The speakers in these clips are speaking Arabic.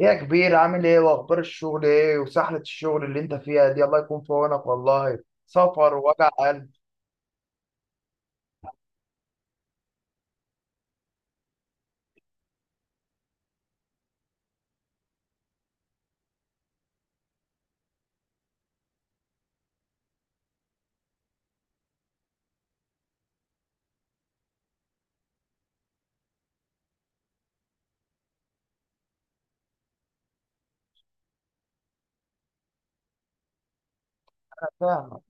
ايه يا كبير، عامل ايه؟ واخبار الشغل ايه وسحلة الشغل اللي انت فيها دي؟ الله يكون في عونك والله. سفر ووجع قلب. فاهمك.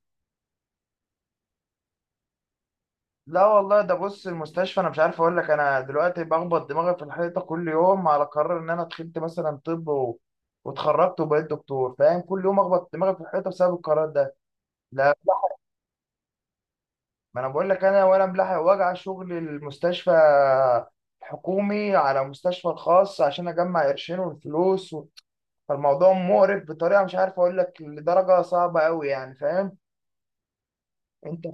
لا والله، ده بص المستشفى انا مش عارف اقول لك. انا دلوقتي بخبط دماغي في الحيطه كل يوم على قرار ان انا دخلت مثلا طب واتخرجت وبقيت دكتور، فاهم؟ كل يوم اخبط دماغي في الحيطه بسبب القرار ده. لا، ما انا بقول لك انا ولا ملاحق وجع شغل المستشفى الحكومي على مستشفى الخاص عشان اجمع قرشين والفلوس. فالموضوع مقرف بطريقه مش عارف اقول لك لدرجه صعبه قوي، يعني فاهم انت؟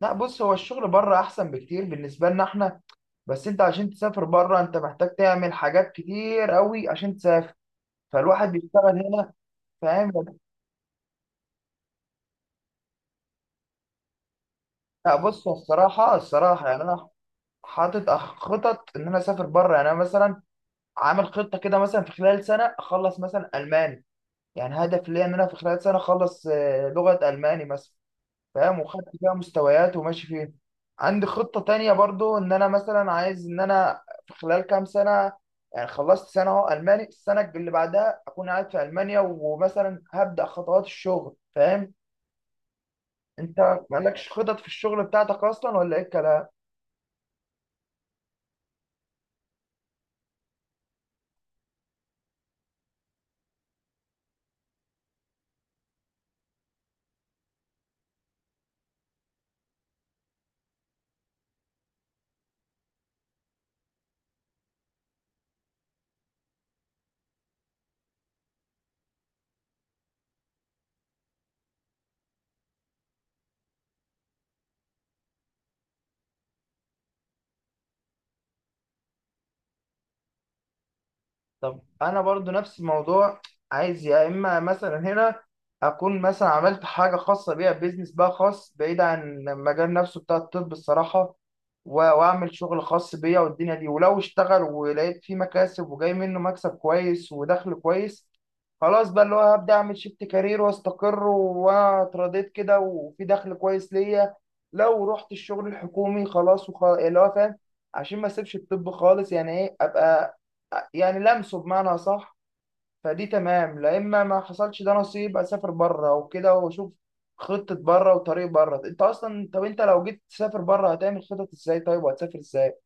لا بص، هو الشغل بره احسن بكتير بالنسبه لنا احنا. بس انت عشان تسافر بره انت محتاج تعمل حاجات كتير قوي عشان تسافر. فالواحد بيشتغل هنا، فاهم؟ لا بص، هو الصراحه الصراحه يعني انا حاطط خطط ان انا اسافر بره. يعني انا مثلا عامل خطه كده، مثلا في خلال سنه اخلص مثلا الماني. يعني هدف ليا ان انا في خلال سنه اخلص لغه الماني مثلا. فاهم؟ وخدت فيها مستويات وماشي فيها. عندي خطة تانية برضو، ان انا مثلا عايز ان انا في خلال كام سنة، يعني خلصت سنة اهو الماني، السنة اللي بعدها اكون قاعد في المانيا ومثلا هبدأ خطوات الشغل، فاهم؟ انت مالكش خطط في الشغل بتاعتك اصلا ولا ايه الكلام؟ طب انا برضو نفس الموضوع. عايز يا اما مثلا هنا اكون مثلا عملت حاجه خاصه بيها، بيزنس بقى خاص بعيد عن المجال نفسه بتاع الطب الصراحه، واعمل شغل خاص بيا والدنيا دي، ولو اشتغل ولقيت فيه مكاسب وجاي منه مكسب كويس ودخل كويس، خلاص بقى اللي هو هبدا اعمل شيفت كارير واستقر واترضيت كده وفي دخل كويس ليا. لو رحت الشغل الحكومي خلاص، وخلاص اللي هو فاهم عشان ما اسيبش الطب خالص، يعني ايه، ابقى يعني لمسه بمعنى صح. فدي تمام. لا اما ما حصلش ده نصيب، اسافر بره وكده واشوف خطة بره وطريق بره. انت اصلا طب انت لو جيت تسافر بره هتعمل خطط ازاي طيب؟ وهتسافر ازاي؟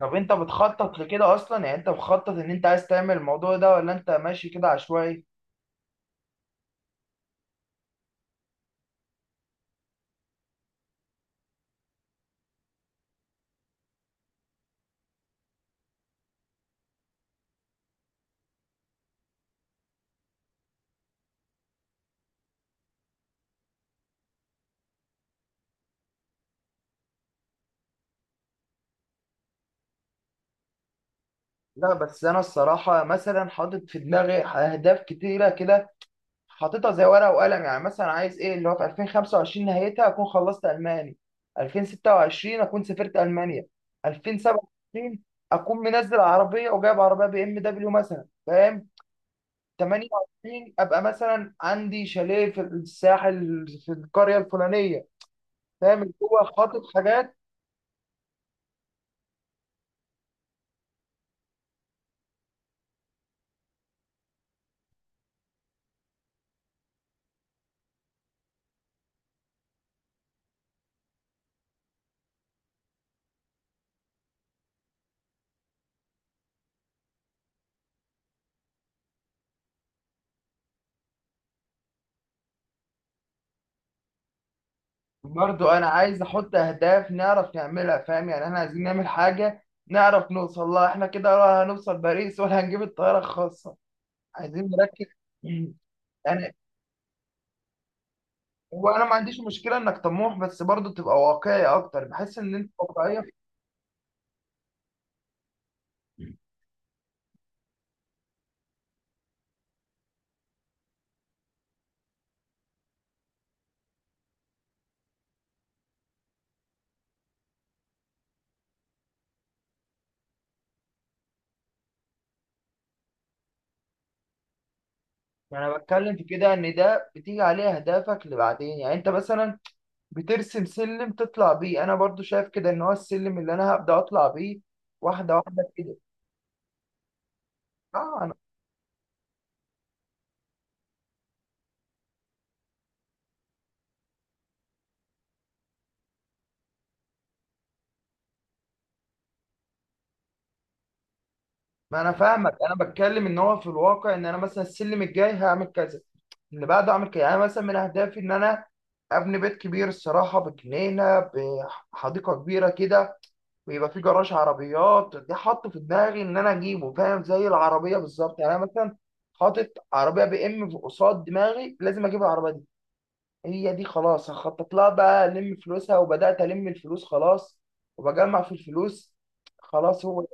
طب انت بتخطط لكده اصلا؟ يعني انت مخطط ان انت عايز تعمل الموضوع ده، ولا انت ماشي كده عشوائي؟ لا بس انا الصراحة مثلا حاطط في دماغي اهداف كتيرة كده، حاططها زي ورقه وقلم. يعني مثلا عايز ايه اللي هو في 2025 نهايتها اكون خلصت الماني، 2026 اكون سافرت المانيا، 2027 اكون منزل عربيه وجايب عربيه بي ام دبليو مثلا، فاهم؟ 28 ابقى مثلا عندي شاليه في الساحل في القريه الفلانيه. فاهم اللي هو خاطط حاجات. برضو انا عايز احط اهداف نعرف نعملها، فاهم؟ يعني احنا عايزين نعمل حاجه نعرف نوصل لها احنا كده، ولا هنوصل باريس ولا هنجيب الطياره الخاصه؟ عايزين نركز. يعني هو انا ما عنديش مشكله انك طموح، بس برضه تبقى واقعي اكتر، بحس ان انت واقعيه. ما انا بتكلم في كده، ان ده بتيجي عليه اهدافك لبعدين. يعني انت مثلا بترسم سلم تطلع بيه، انا برضو شايف كده ان هو السلم اللي انا هبدا اطلع بيه واحده واحده كده. اه انا ما انا فاهمك، انا بتكلم ان هو في الواقع ان انا مثلا السلم الجاي هعمل كذا، اللي بعده اعمل كده. يعني أنا مثلا من اهدافي ان انا ابني بيت كبير الصراحه، بجنينه، بحديقه كبيره كده، ويبقى في جراج عربيات. دي حاطه في دماغي ان انا اجيبه، فاهم؟ زي العربيه بالظبط. يعني انا مثلا حاطط عربيه بي ام في قصاد دماغي، لازم اجيب العربيه دي. هي دي خلاص هخطط لها بقى، الم فلوسها، وبدات الم الفلوس خلاص وبجمع في الفلوس. خلاص هو.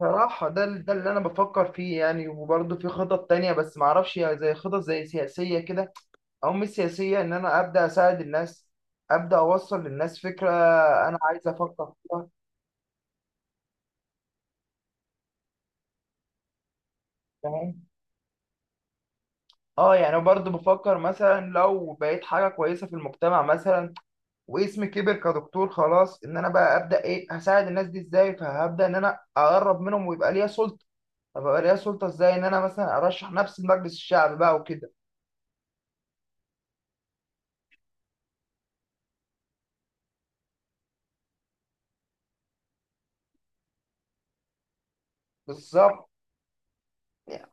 صراحة ده ده اللي أنا بفكر فيه. يعني وبرضه في خطط تانية بس معرفش، يعني زي خطط زي سياسية كده، أو مش سياسية، إن أنا أبدأ أساعد الناس، أبدأ أوصل للناس فكرة أنا عايز أفكر فيها. تمام؟ اه يعني برضه بفكر مثلا لو بقيت حاجه كويسه في المجتمع مثلا، واسمي كبر كدكتور خلاص، ان انا بقى ابدا ايه، هساعد الناس دي ازاي؟ فهبدا ان انا اقرب منهم ويبقى ليا سلطه. طب يبقى ليا سلطه ازاي؟ ان انا مثلا ارشح نفسي لمجلس الشعب بقى وكده. بالظبط. يعني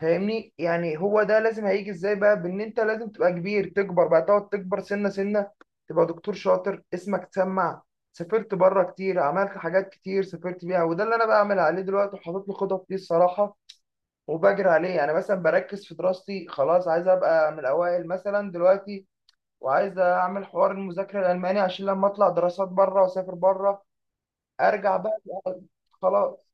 فاهمني؟ يعني هو ده لازم هيجي ازاي بقى، بان انت لازم تبقى كبير، تكبر بقى، تقعد تكبر سنه سنه، تبقى دكتور شاطر، اسمك تسمع، سافرت بره كتير، عملت حاجات كتير سافرت بيها. وده اللي انا بعمل عليه دلوقتي وحاطط له خطط ليه الصراحه، وبجري عليه. انا مثلا بركز في دراستي خلاص، عايز ابقى من الاوائل مثلا دلوقتي، وعايز اعمل حوار المذاكره الالماني عشان لما اطلع دراسات بره واسافر بره، ارجع بقى خلاص.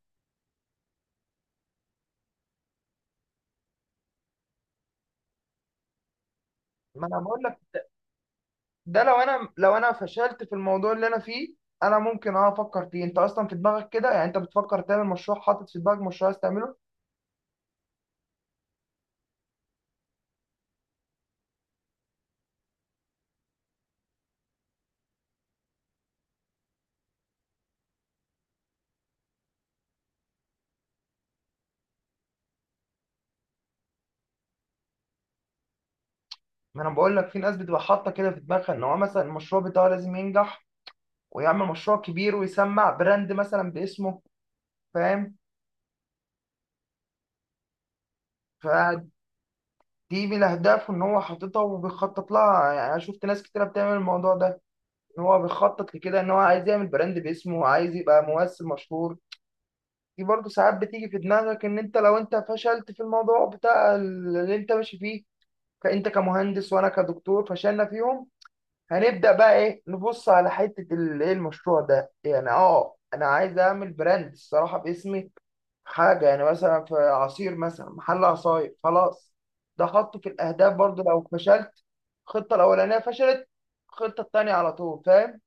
ما انا بقول لك، ده لو انا لو انا فشلت في الموضوع اللي انا فيه، انا ممكن اه افكر فيه. انت اصلا في دماغك كده؟ يعني انت بتفكر تعمل مشروع، حاطط في دماغك مشروع عايز تعمله؟ ما انا بقول لك، في ناس بتبقى حاطه كده في دماغها ان هو مثلا المشروع بتاعه لازم ينجح، ويعمل مشروع كبير ويسمع براند مثلا باسمه، فاهم؟ دي من الاهداف ان هو حاططها وبيخطط لها. يعني انا شفت ناس كتيره بتعمل الموضوع ده، ان هو بيخطط لكده، ان هو عايز يعمل براند باسمه، عايز يبقى ممثل مشهور. دي برضه ساعات بتيجي في دماغك ان انت لو انت فشلت في الموضوع بتاع اللي انت ماشي فيه، فانت كمهندس وانا كدكتور فشلنا فيهم، هنبدا بقى ايه، نبص على حته ال- ايه المشروع ده. يعني اه انا عايز اعمل براند الصراحه باسمي، حاجة يعني مثلا في عصير، مثلا محل عصاير خلاص. ده حطه في الأهداف برضو لو فشلت الخطة الأولانية، فشلت، الخطة التانية على طول، فاهم؟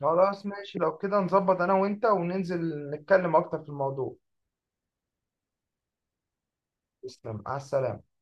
خلاص ماشي، لو كده نظبط أنا وأنت وننزل نتكلم أكتر في الموضوع. تسلم على السلامة.